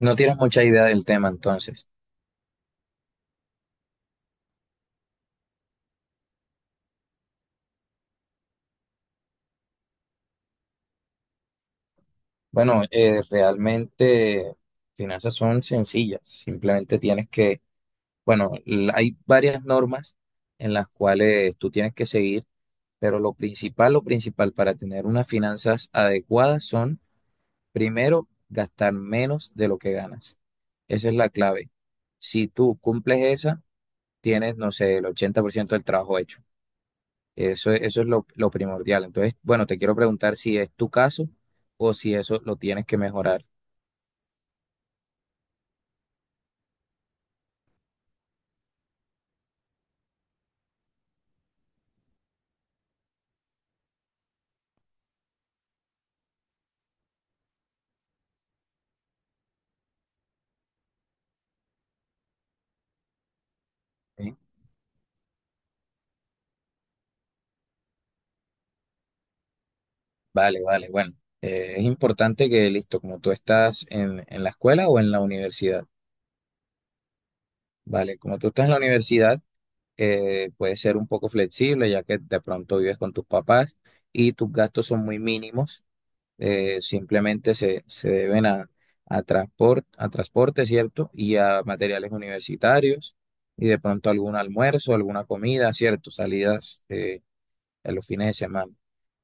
No tienes mucha idea del tema, entonces. Bueno, realmente finanzas son sencillas. Simplemente tienes que, bueno, hay varias normas en las cuales tú tienes que seguir, pero lo principal para tener unas finanzas adecuadas son, primero, gastar menos de lo que ganas. Esa es la clave. Si tú cumples esa, tienes, no sé, el 80% del trabajo hecho. Eso es lo primordial. Entonces, bueno, te quiero preguntar si es tu caso o si eso lo tienes que mejorar. ¿Sí? Vale, vale, bueno. Es importante que, listo, como tú estás en la escuela o en la universidad, vale, como tú estás en la universidad, puedes ser un poco flexible ya que de pronto vives con tus papás y tus gastos son muy mínimos, simplemente se, se deben a transporte, ¿cierto? Y a materiales universitarios y de pronto algún almuerzo, alguna comida, ¿cierto? Salidas, en los fines de semana.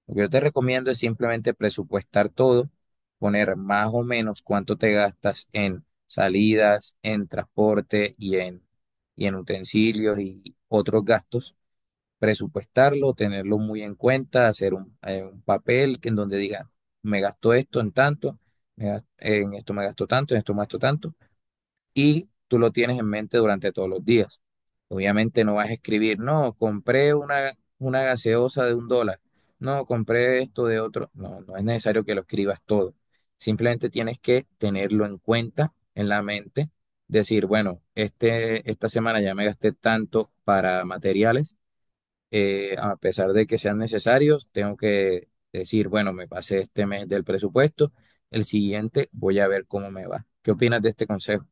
Lo que yo te recomiendo es simplemente presupuestar todo, poner más o menos cuánto te gastas en salidas, en transporte y en utensilios y otros gastos presupuestarlo, tenerlo muy en cuenta, hacer un papel que en donde diga, me gastó esto en tanto, en esto me gastó tanto, en esto me gastó tanto, y tú lo tienes en mente durante todos los días. Obviamente no vas a escribir, no, compré una gaseosa de $1, no, compré esto de otro. No, no es necesario que lo escribas todo. Simplemente tienes que tenerlo en cuenta, en la mente, decir, bueno, esta semana ya me gasté tanto para materiales, a pesar de que sean necesarios, tengo que decir, bueno, me pasé este mes del presupuesto, el siguiente voy a ver cómo me va. ¿Qué opinas de este consejo?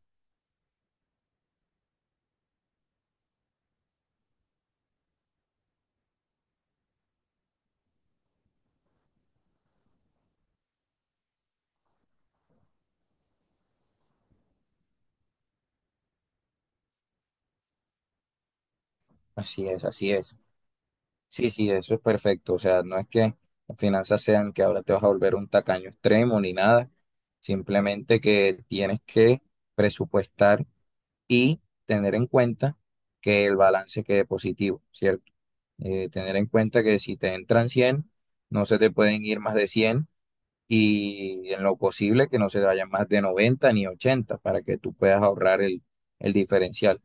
Así es, así es. Sí, sí, eso es perfecto. O sea, no es que las finanzas sean que ahora te vas a volver un tacaño extremo ni nada, simplemente que tienes que presupuestar y tener en cuenta que el balance quede positivo, ¿cierto? Tener en cuenta que si te entran 100 no se te pueden ir más de 100 y en lo posible que no se vayan más de 90 ni 80 para que tú puedas ahorrar el diferencial.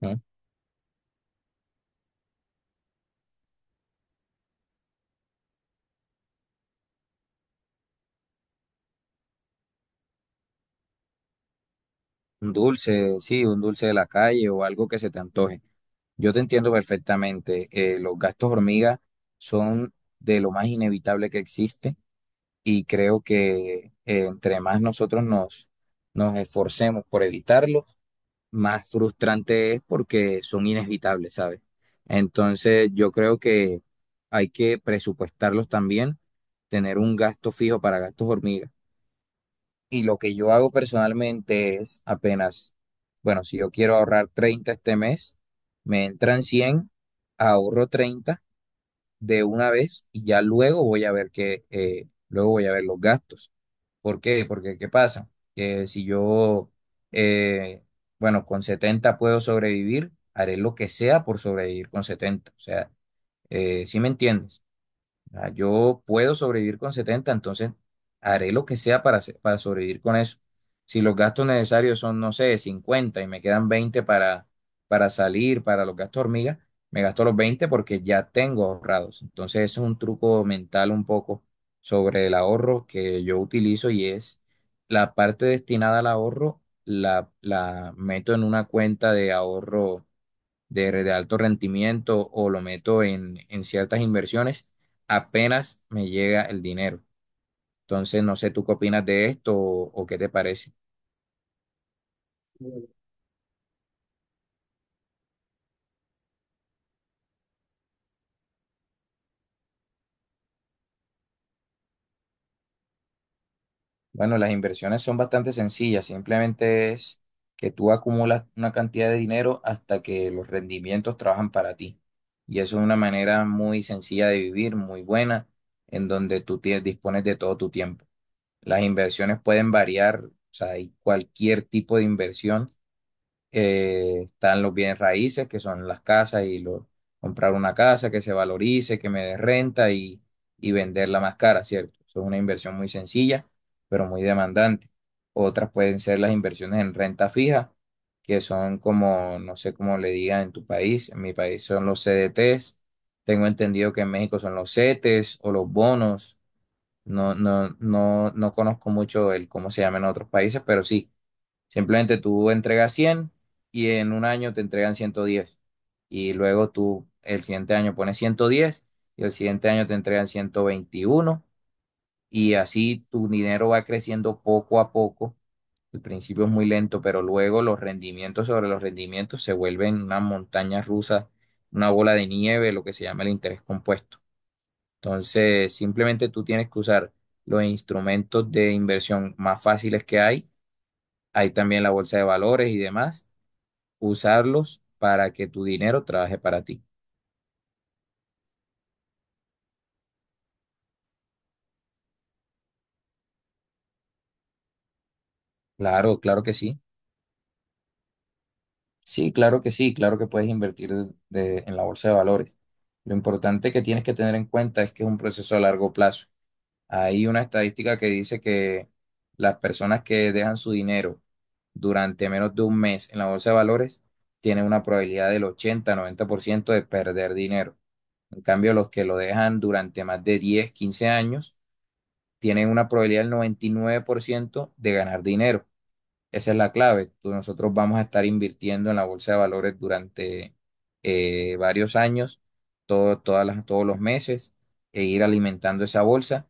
Ujú. Un dulce, sí, un dulce de la calle o algo que se te antoje. Yo te entiendo perfectamente. Los gastos hormiga son de lo más inevitable que existe y creo que, entre más nosotros nos esforcemos por evitarlos, más frustrante es porque son inevitables, ¿sabes? Entonces, yo creo que hay que presupuestarlos también, tener un gasto fijo para gastos hormiga. Y lo que yo hago personalmente es apenas, bueno, si yo quiero ahorrar 30 este mes, me entran 100, ahorro 30 de una vez y ya luego voy a ver que, luego voy a ver los gastos. ¿Por qué? Porque, ¿qué pasa? Que si yo, eh, bueno, con 70 puedo sobrevivir, haré lo que sea por sobrevivir con 70. O sea, ¿sí me entiendes? Ah, yo puedo sobrevivir con 70, entonces haré lo que sea para sobrevivir con eso. Si los gastos necesarios son, no sé, 50 y me quedan 20 para salir, para los gastos hormigas, me gasto los 20 porque ya tengo ahorrados. Entonces ese es un truco mental un poco sobre el ahorro que yo utilizo y es la parte destinada al ahorro, la meto en una cuenta de ahorro de alto rendimiento o lo meto en ciertas inversiones, apenas me llega el dinero. Entonces, no sé tú qué opinas de esto o qué te parece. Bueno, las inversiones son bastante sencillas, simplemente es que tú acumulas una cantidad de dinero hasta que los rendimientos trabajan para ti. Y eso es una manera muy sencilla de vivir, muy buena, en donde tú tienes, dispones de todo tu tiempo. Las inversiones pueden variar, o sea, hay cualquier tipo de inversión, están los bienes raíces, que son las casas y comprar una casa que se valorice, que me dé renta y venderla más cara, ¿cierto? Eso es una inversión muy sencilla, pero muy demandante. Otras pueden ser las inversiones en renta fija, que son como, no sé cómo le digan en tu país, en mi país son los CDTs, tengo entendido que en México son los CETES o los bonos. No, no, no, no conozco mucho el cómo se llama en otros países, pero sí. Simplemente tú entregas 100 y en un año te entregan 110. Y luego tú el siguiente año pones 110 y el siguiente año te entregan 121. Y así tu dinero va creciendo poco a poco. El principio es muy lento, pero luego los rendimientos sobre los rendimientos se vuelven una montaña rusa, una bola de nieve, lo que se llama el interés compuesto. Entonces, simplemente tú tienes que usar los instrumentos de inversión más fáciles que hay. Hay también la bolsa de valores y demás, usarlos para que tu dinero trabaje para ti. Claro, claro que sí. Sí, claro que puedes invertir, en la bolsa de valores. Lo importante que tienes que tener en cuenta es que es un proceso a largo plazo. Hay una estadística que dice que las personas que dejan su dinero durante menos de un mes en la bolsa de valores tienen una probabilidad del 80, 90% de perder dinero. En cambio, los que lo dejan durante más de 10, 15 años tienen una probabilidad del 99% de ganar dinero. Esa es la clave. Nosotros vamos a estar invirtiendo en la bolsa de valores durante, varios años, todos los meses, e ir alimentando esa bolsa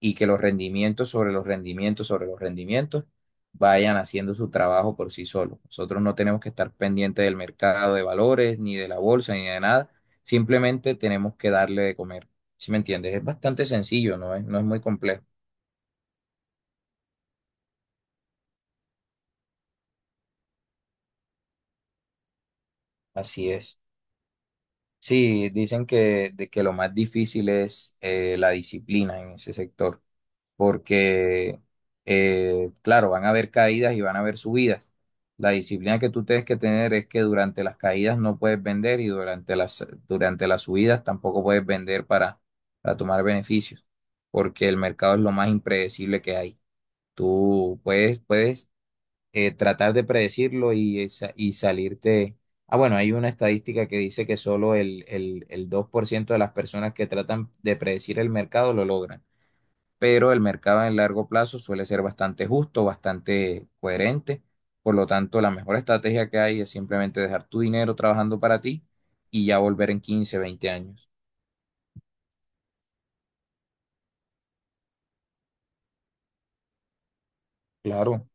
y que los rendimientos sobre los rendimientos sobre los rendimientos vayan haciendo su trabajo por sí solos. Nosotros no tenemos que estar pendientes del mercado de valores, ni de la bolsa, ni de nada. Simplemente tenemos que darle de comer. ¿Sí me entiendes? Es bastante sencillo, no es muy complejo. Así es. Sí, dicen que lo más difícil es, la disciplina en ese sector, porque, claro, van a haber caídas y van a haber subidas. La disciplina que tú tienes que tener es que durante las caídas no puedes vender y durante las subidas tampoco puedes vender para tomar beneficios, porque el mercado es lo más impredecible que hay. Tú puedes, tratar de predecirlo y salirte. Ah, bueno, hay una estadística que dice que solo el 2% de las personas que tratan de predecir el mercado lo logran, pero el mercado en largo plazo suele ser bastante justo, bastante coherente. Por lo tanto, la mejor estrategia que hay es simplemente dejar tu dinero trabajando para ti y ya volver en 15 20 años. Claro,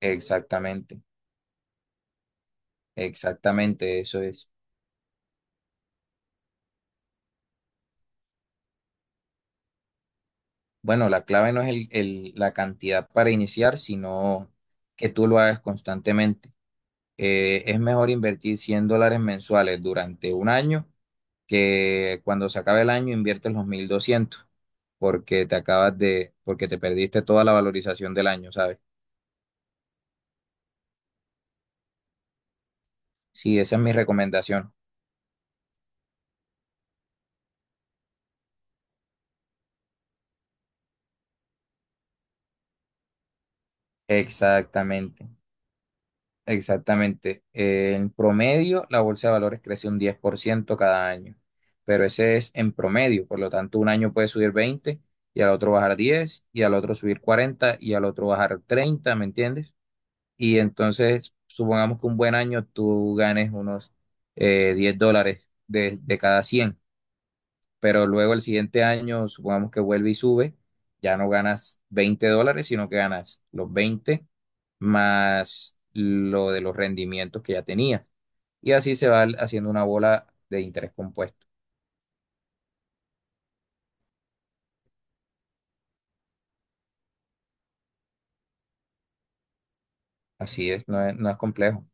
exactamente, exactamente, eso es. Bueno, la clave no es la cantidad para iniciar, sino que tú lo hagas constantemente. Es mejor invertir $100 mensuales durante un año que cuando se acabe el año inviertes los 1,200 porque te perdiste toda la valorización del año, ¿sabes? Sí, esa es mi recomendación. Exactamente. Exactamente. En promedio, la bolsa de valores crece un 10% cada año, pero ese es en promedio. Por lo tanto, un año puede subir 20 y al otro bajar 10 y al otro subir 40 y al otro bajar 30, ¿me entiendes? Y entonces, supongamos que un buen año tú ganes unos, $10 de cada 100, pero luego el siguiente año, supongamos que vuelve y sube, ya no ganas $20, sino que ganas los 20 más lo de los rendimientos que ya tenías. Y así se va haciendo una bola de interés compuesto. Así es, no es complejo.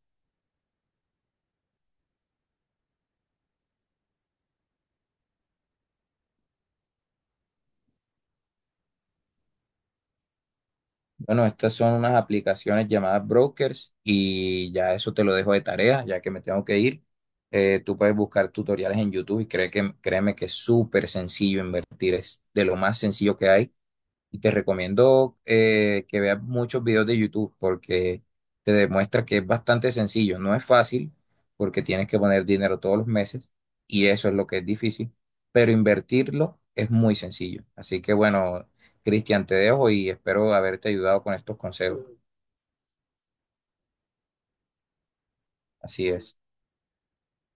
Bueno, estas son unas aplicaciones llamadas brokers y ya eso te lo dejo de tarea, ya que me tengo que ir. Tú puedes buscar tutoriales en YouTube, créeme que es súper sencillo invertir, es de lo más sencillo que hay. Y te recomiendo, que veas muchos videos de YouTube porque te demuestra que es bastante sencillo. No es fácil porque tienes que poner dinero todos los meses y eso es lo que es difícil, pero invertirlo es muy sencillo. Así que bueno, Cristian, te dejo y espero haberte ayudado con estos consejos. Así es.